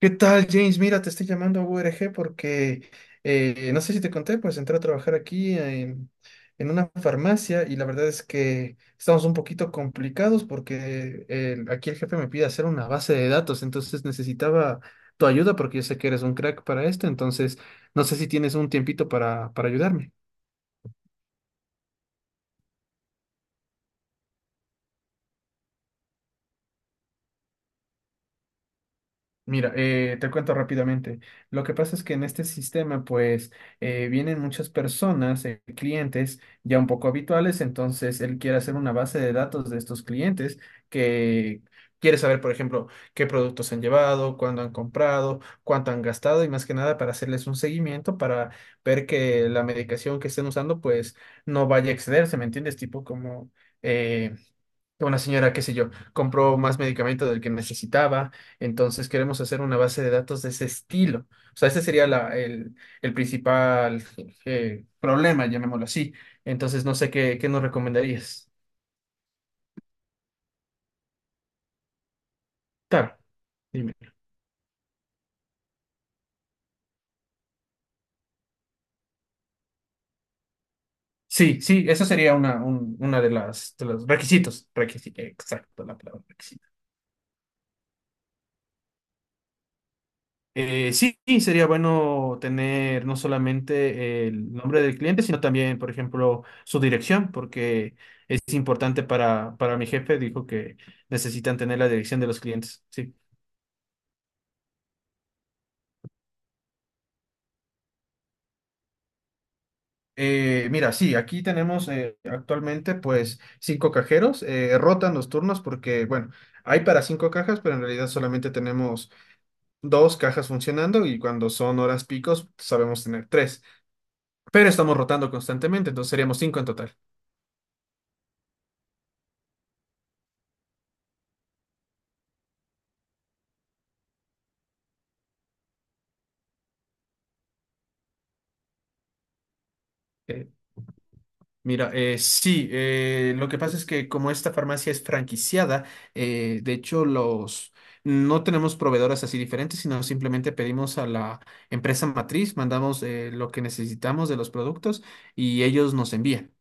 ¿Qué tal, James? Mira, te estoy llamando a URG porque no sé si te conté, pues entré a trabajar aquí en una farmacia y la verdad es que estamos un poquito complicados porque el- aquí el jefe me pide hacer una base de datos, entonces necesitaba tu ayuda porque yo sé que eres un crack para esto, entonces no sé si tienes un tiempito para ayudarme. Mira, te cuento rápidamente. Lo que pasa es que en este sistema, pues, vienen muchas personas, clientes ya un poco habituales, entonces él quiere hacer una base de datos de estos clientes que quiere saber, por ejemplo, qué productos han llevado, cuándo han comprado, cuánto han gastado y más que nada para hacerles un seguimiento para ver que la medicación que estén usando, pues, no vaya a excederse, ¿me entiendes? Tipo como eh, una señora, qué sé yo, compró más medicamento del que necesitaba, entonces queremos hacer una base de datos de ese estilo. O sea, ese sería la- el principal problema, llamémoslo así. Entonces, no sé qué, qué nos recomendarías. Claro, dime. Sí, sí, eso sería una, un- una de las, de los requisitos. Requisi- exacto, la palabra requisitos. Sí, sí, sería bueno tener no solamente el nombre del cliente, sino también, por ejemplo, su dirección, porque es importante para mi jefe, dijo que necesitan tener la dirección de los clientes. Sí. Mira, sí, aquí tenemos actualmente pues cinco cajeros, rotan los turnos porque, bueno, hay para cinco cajas, pero en realidad solamente tenemos dos cajas funcionando y cuando son horas picos sabemos tener tres, pero estamos rotando constantemente, entonces seríamos cinco en total. Mira, sí, lo que pasa es que como esta farmacia es franquiciada, de hecho los no tenemos proveedoras así diferentes, sino simplemente pedimos a la empresa matriz, mandamos lo que necesitamos de los productos y ellos nos envían.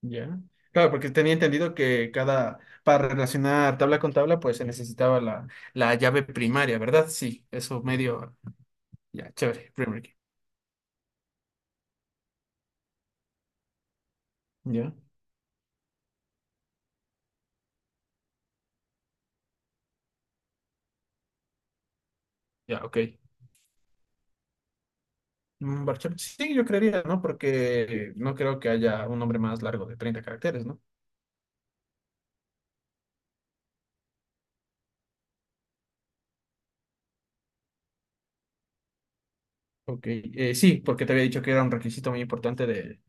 Ya. Claro, porque tenía entendido que cada, para relacionar tabla con tabla, pues se necesitaba la, la llave primaria, ¿verdad? Sí, eso medio, ya, chévere, primary key. Ya, ya, ok. Mm, Barchel, sí, yo creería, ¿no? Porque no creo que haya un nombre más largo de 30 caracteres, ¿no? Ok, sí, porque te había dicho que era un requisito muy importante de...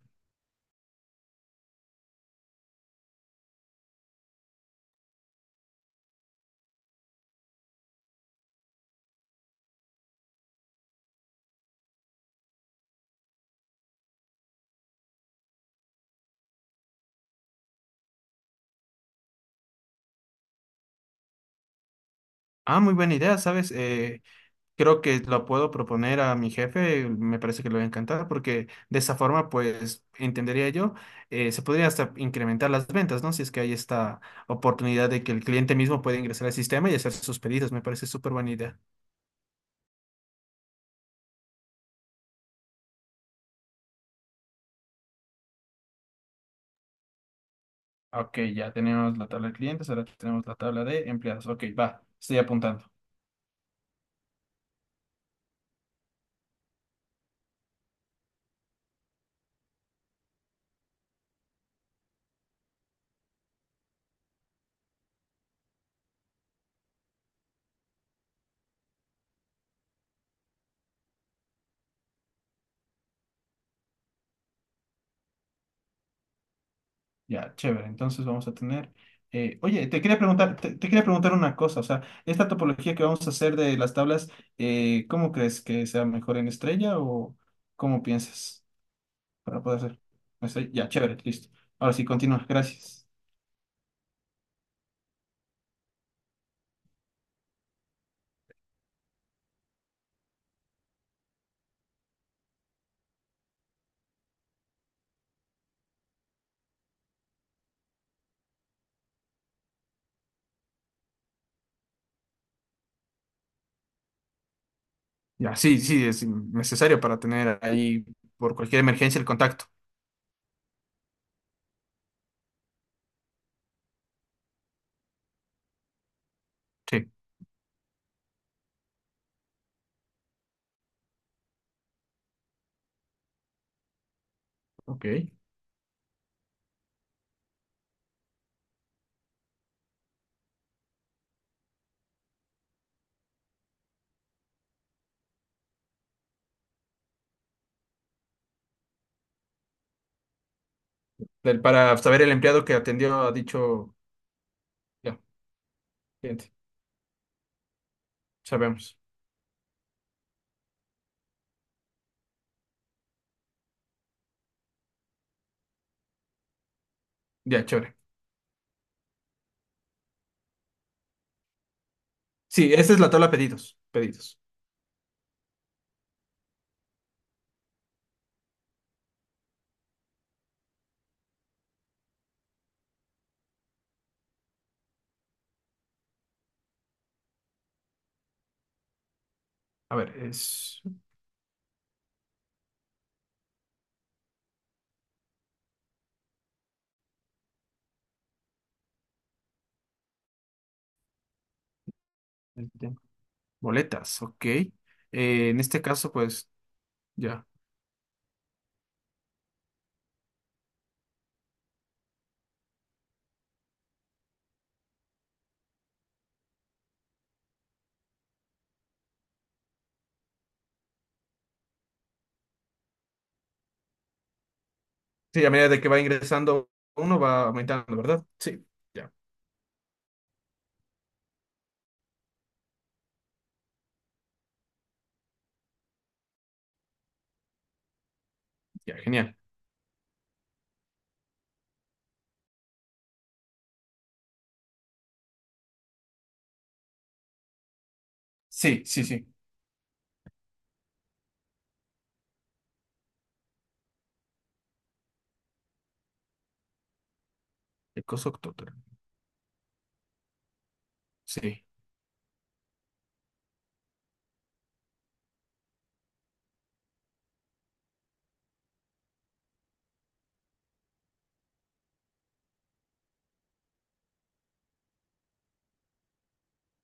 Ah, muy buena idea, ¿sabes? Creo que lo puedo proponer a mi jefe, me parece que le va a encantar, porque de esa forma, pues, entendería yo, se podría hasta incrementar las ventas, ¿no? Si es que hay esta oportunidad de que el cliente mismo puede ingresar al sistema y hacer sus pedidos, me parece súper buena idea. Ok, ya tenemos la tabla de clientes, ahora tenemos la tabla de empleados. Ok, va, estoy apuntando. Ya, chévere. Entonces vamos a tener. Oye, te quería preguntar, te quería preguntar una cosa. O sea, esta topología que vamos a hacer de las tablas, ¿cómo crees que sea mejor en estrella o cómo piensas para poder hacer? Estrella. Ya, chévere, listo. Ahora sí, continúa. Gracias. Ya, sí, sí, es necesario para tener ahí por cualquier emergencia el contacto. Sí, ok. Del- Para saber el empleado que atendió ha dicho, ya, cliente, sabemos. Ya, chévere. Sí, esta es la tabla pedidos, pedidos. A ver, es... Este, Boletas, ok. En este caso, pues ya. Sí, a medida de que va ingresando uno, va aumentando, ¿verdad? Sí, ya, ya, genial. Sí, sí, sí. El costo total. Sí.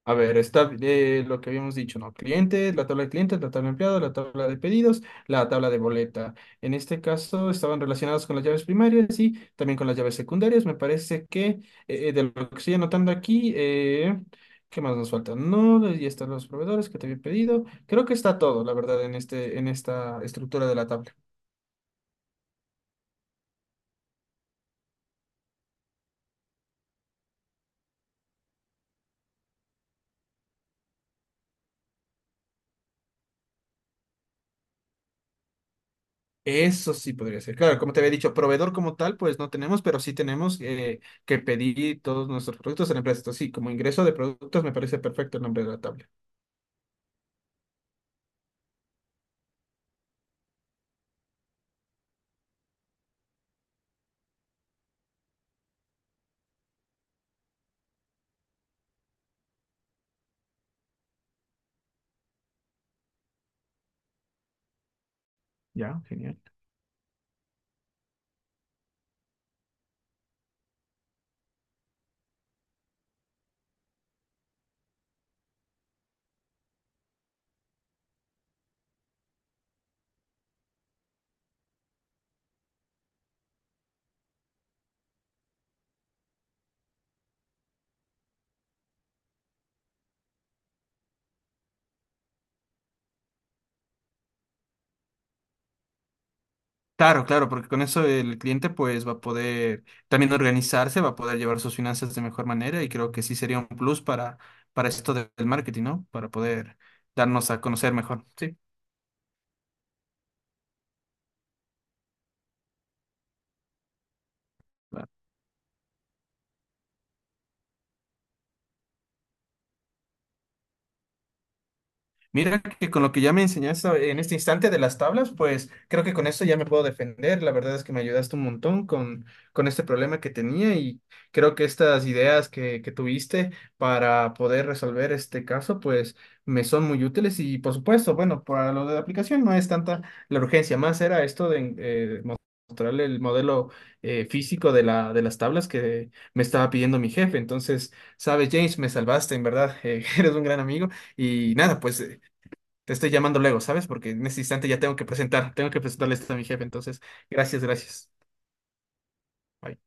A ver, está lo que habíamos dicho, ¿no? Clientes, la tabla de clientes, la tabla de empleados, la tabla de pedidos, la tabla de boleta. En este caso estaban relacionados con las llaves primarias y también con las llaves secundarias. Me parece que de lo que estoy anotando aquí, ¿qué más nos falta? No, y están los proveedores que te había pedido. Creo que está todo, la verdad, en este, en esta estructura de la tabla. Eso sí podría ser. Claro, como te había dicho, proveedor como tal, pues no tenemos, pero sí tenemos que pedir todos nuestros productos en la empresa. Entonces, sí, como ingreso de productos me parece perfecto el nombre de la tabla. Ya, genial. Claro, claro, porque con eso el cliente pues va a poder también organizarse, va a poder llevar sus finanzas de mejor manera y creo que sí sería un plus para esto de- del marketing, ¿no? Para poder darnos a conocer mejor. Sí. Mira que con lo que ya me enseñaste en este instante de las tablas, pues creo que con esto ya me puedo defender. La verdad es que me ayudaste un montón con este problema que tenía y creo que estas ideas que tuviste para poder resolver este caso, pues me son muy útiles y por supuesto, bueno, para lo de la aplicación no es tanta la urgencia, más era esto de mostrarle el modelo físico de la, de las tablas que me estaba pidiendo mi jefe. Entonces, sabes, James, me salvaste, en verdad, eres un gran amigo. Y nada, pues te estoy llamando luego, ¿sabes? Porque en este instante ya tengo que presentar, tengo que presentarle esto a mi jefe. Entonces, gracias, gracias. Bye.